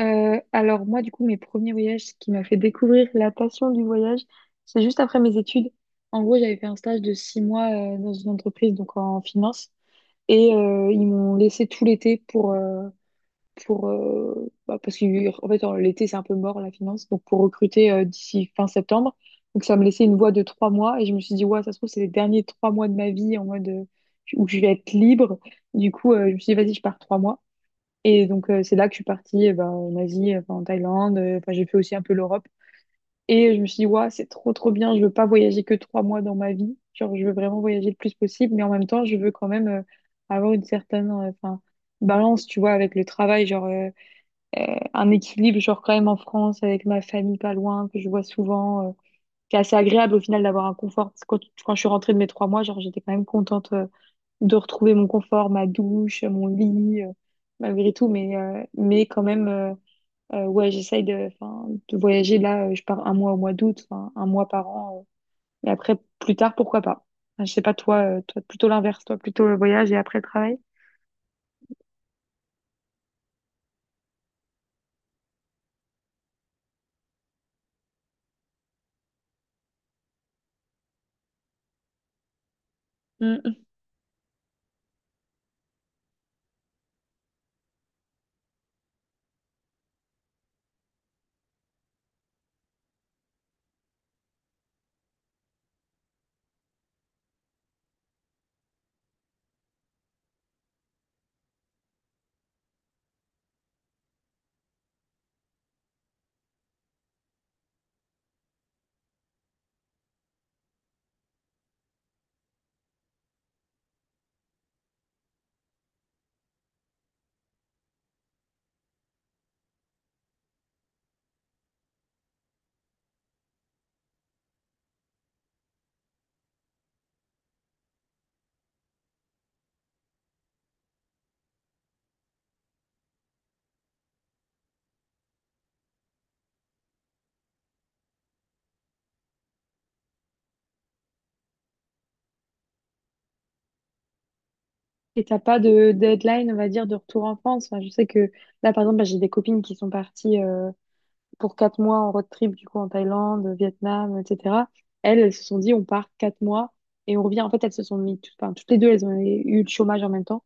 Alors moi, du coup, mes premiers voyages, ce qui m'a fait découvrir la passion du voyage, c'est juste après mes études. En gros, j'avais fait un stage de six mois dans une entreprise, donc en finance, et ils m'ont laissé tout l'été pour, bah, parce que en fait, l'été, c'est un peu mort, la finance, donc pour recruter d'ici fin septembre. Donc ça me laissait une voie de trois mois, et je me suis dit, ouais, ça se trouve, c'est les derniers trois mois de ma vie en mode où je vais être libre. Du coup, je me suis dit, vas-y, je pars trois mois. Et donc, c'est là que je suis partie eh ben, en Asie, enfin, en Thaïlande. Enfin, j'ai fait aussi un peu l'Europe. Et je me suis dit, ouais c'est trop, trop bien. Je veux pas voyager que trois mois dans ma vie. Genre, je veux vraiment voyager le plus possible. Mais en même temps, je veux quand même avoir une certaine enfin, balance, tu vois, avec le travail. Genre, un équilibre, genre, quand même en France, avec ma famille pas loin, que je vois souvent. C'est assez agréable au final d'avoir un confort. Parce que quand je suis rentrée de mes trois mois, genre, j'étais quand même contente, de retrouver mon confort, ma douche, mon lit, malgré tout. Mais quand même, ouais, j'essaye de, enfin, de voyager. Là, je pars un mois au mois d'août, enfin, un mois par an. Et après, plus tard, pourquoi pas. Enfin, je sais pas, toi, toi plutôt l'inverse, toi plutôt le voyage et après le travail. Mm. Et t'as pas de deadline, on va dire, de retour en France. Enfin, je sais que là, par exemple, bah, j'ai des copines qui sont parties, pour quatre mois en road trip, du coup, en Thaïlande, Vietnam, etc. Elles, elles se sont dit, on part quatre mois et on revient. En fait, elles se sont mis, enfin, toutes les deux, elles ont eu le chômage en même temps.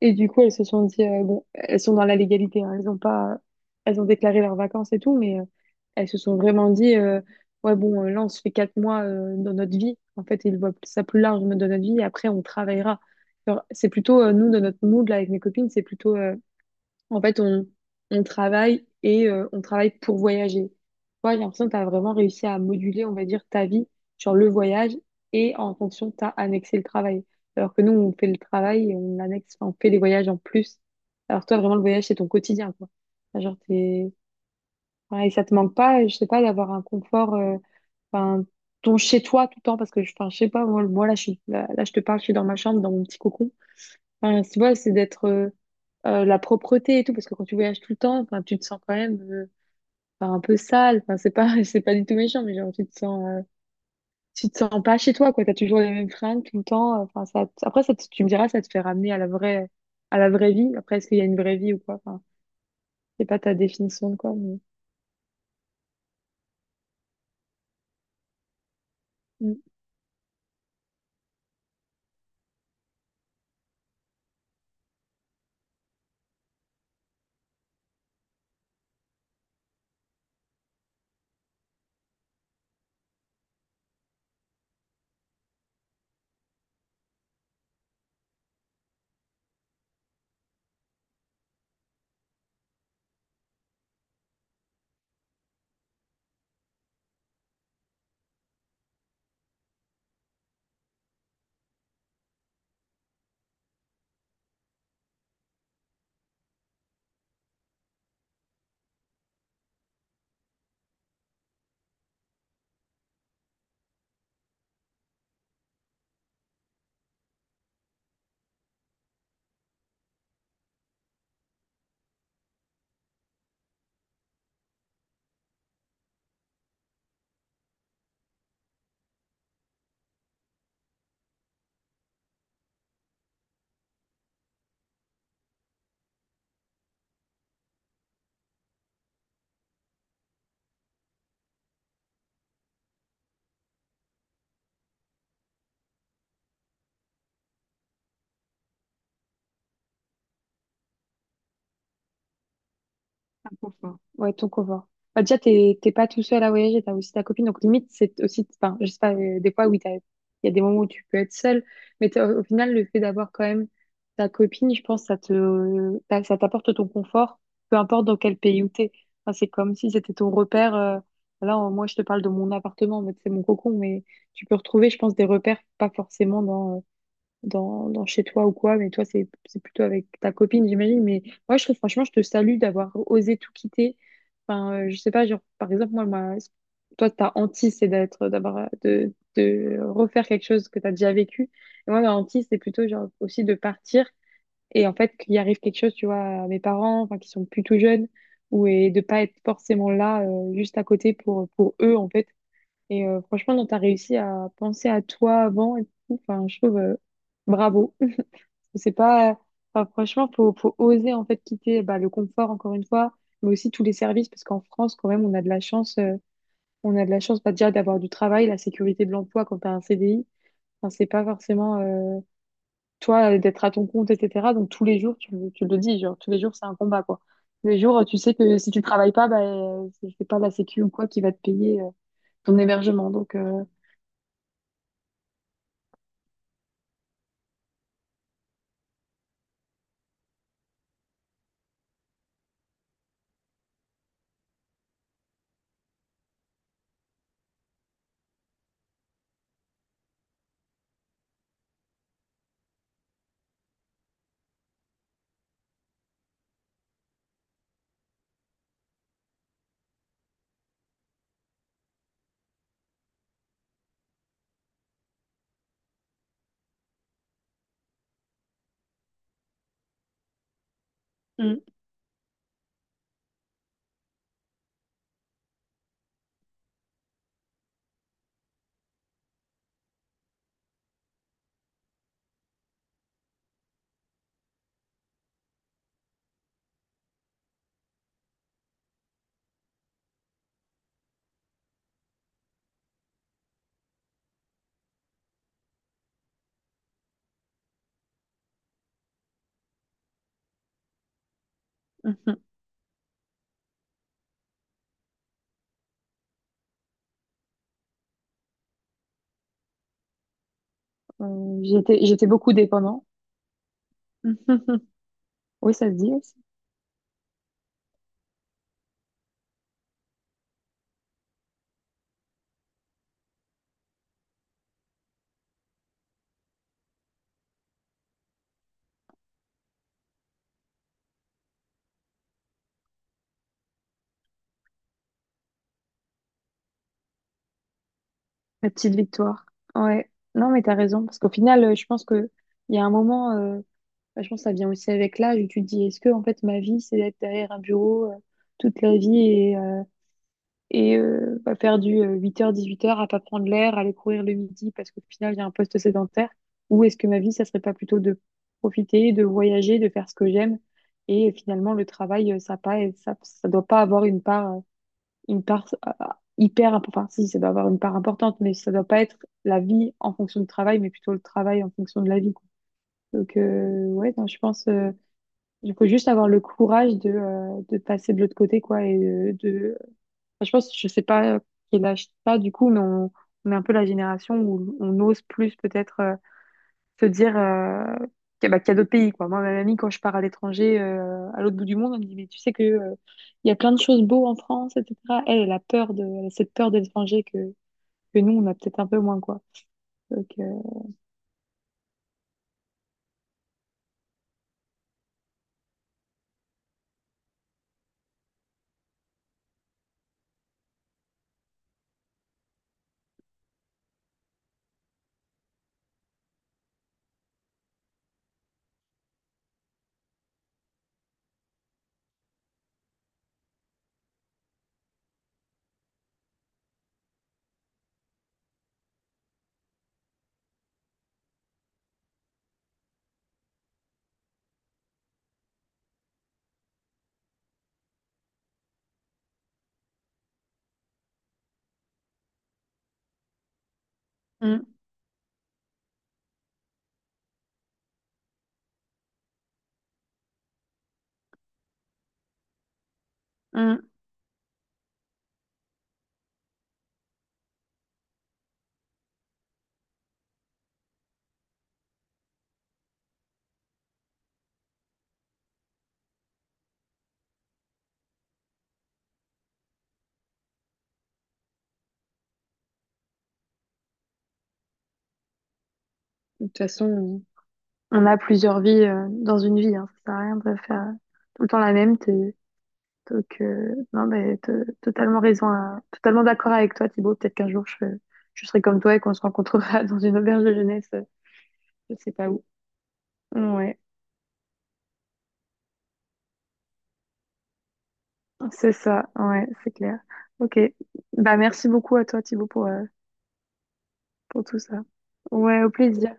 Et du coup, elles se sont dit, bon, elles sont dans la légalité, hein. Elles ont pas, elles ont déclaré leurs vacances et tout, mais elles se sont vraiment dit, ouais, bon, là, on se fait quatre mois dans notre vie. En fait, ils voient ça plus large dans notre vie et après, on travaillera. Genre, c'est plutôt, nous, dans notre mood, là, avec mes copines, c'est plutôt, en fait, on travaille et on travaille pour voyager. Toi, j'ai l'impression que tu as vraiment réussi à moduler, on va dire, ta vie sur le voyage et en fonction, tu as annexé le travail. Alors que nous, on fait le travail et on annexe, enfin, on fait les voyages en plus. Alors toi, vraiment, le voyage, c'est ton quotidien, quoi. Enfin, genre, t'es... ouais, et ça te manque pas, je sais pas, d'avoir un confort, enfin, ton chez-toi tout le temps, parce que, enfin, je sais pas, moi, là, là, je te parle, je suis dans ma chambre, dans mon petit cocon. Enfin, tu vois, c'est d'être la propreté et tout, parce que quand tu voyages tout le temps, enfin, tu te sens quand même enfin, un peu sale. Enfin, c'est pas, c'est pas du tout méchant, mais genre, tu te sens pas chez toi, quoi. T'as toujours les mêmes fringues tout le temps. Enfin, ça, tu me diras, ça te fait ramener à la vraie vie. Après, est-ce qu'il y a une vraie vie ou quoi? Enfin, c'est pas ta définition de quoi, mais... Mm. Confort. Ouais, ton confort. Bah, déjà, t'es pas tout seul à voyager, t'as aussi ta copine. Donc, limite, c'est aussi, enfin, je sais pas, des fois, oui, il y a des moments où tu peux être seul, mais au final, le fait d'avoir quand même ta copine, je pense, ça t'apporte ton confort, peu importe dans quel pays où t'es. Enfin, c'est comme si c'était ton repère. Là, moi, je te parle de mon appartement, mais c'est mon cocon, mais tu peux retrouver, je pense, des repères, pas forcément dans, dans chez toi ou quoi, mais toi, c'est plutôt avec ta copine, j'imagine. Mais moi, je trouve, franchement, je te salue d'avoir osé tout quitter. Enfin, je sais pas, genre, par exemple, moi, ma... toi, ta hantise, c'est d'être, d'avoir, de refaire quelque chose que tu as déjà vécu. Et moi, ma hantise, c'est plutôt, genre, aussi de partir et en fait, qu'il arrive quelque chose, tu vois, à mes parents, enfin, qui sont plus tout jeunes, ou et de pas être forcément là, juste à côté pour eux, en fait. Et franchement, tu as réussi à penser à toi avant et tout. Enfin, je trouve, bravo. C'est pas, enfin, franchement, faut oser en fait quitter bah, le confort encore une fois, mais aussi tous les services parce qu'en France quand même on a de la chance, on a de la chance bah, déjà d'avoir du travail, la sécurité de l'emploi quand t'as un CDI, enfin, c'est pas forcément toi d'être à ton compte etc. Donc tous les jours tu le dis genre tous les jours c'est un combat quoi. Tous les jours tu sais que si tu travailles pas bah c'est pas la sécu ou quoi qui va te payer ton hébergement donc mm, mhm. J'étais beaucoup dépendant. Oui ça se dit. La petite victoire. Ouais. Non, mais t'as raison. Parce qu'au final, je pense que il y a un moment, bah, je pense que ça vient aussi avec l'âge où tu te dis, est-ce que, en fait, ma vie, c'est d'être derrière un bureau, toute la vie et, bah, faire du huit heures dix-huit heures à pas prendre l'air, aller courir le midi parce qu'au final, il y a un poste sédentaire. Ou est-ce que ma vie, ça serait pas plutôt de profiter, de voyager, de faire ce que j'aime. Et finalement, le travail, ça doit pas avoir une part enfin si, ça doit avoir une part importante, mais ça doit pas être la vie en fonction du travail, mais plutôt le travail en fonction de la vie, quoi. Donc ouais, non, je pense, il faut juste avoir le courage de passer de l'autre côté, quoi, enfin, je pense, je sais pas quel âge t'as du coup, mais on est un peu la génération où on ose plus peut-être, se dire bah, qu'il y a d'autres pays, quoi. Moi, ma mamie, quand je pars à l'étranger, à l'autre bout du monde, elle me dit, mais tu sais que, il y a plein de choses beaux en France, etc. Elle a peur de, elle a cette peur de l'étranger que nous, on a peut-être un peu moins, quoi. Donc, Mm, mm. De toute façon, on a plusieurs vies dans une vie, hein. Ça sert à rien de faire tout le temps la même. T'es, donc, non, mais t'as totalement raison, totalement d'accord avec toi, Thibaut. Peut-être qu'un jour, je serai comme toi et qu'on se rencontrera dans une auberge de jeunesse, je sais pas où. Ouais. C'est ça, ouais, c'est clair. Ok. Bah, merci beaucoup à toi, Thibaut, pour tout ça. Ouais, au plaisir.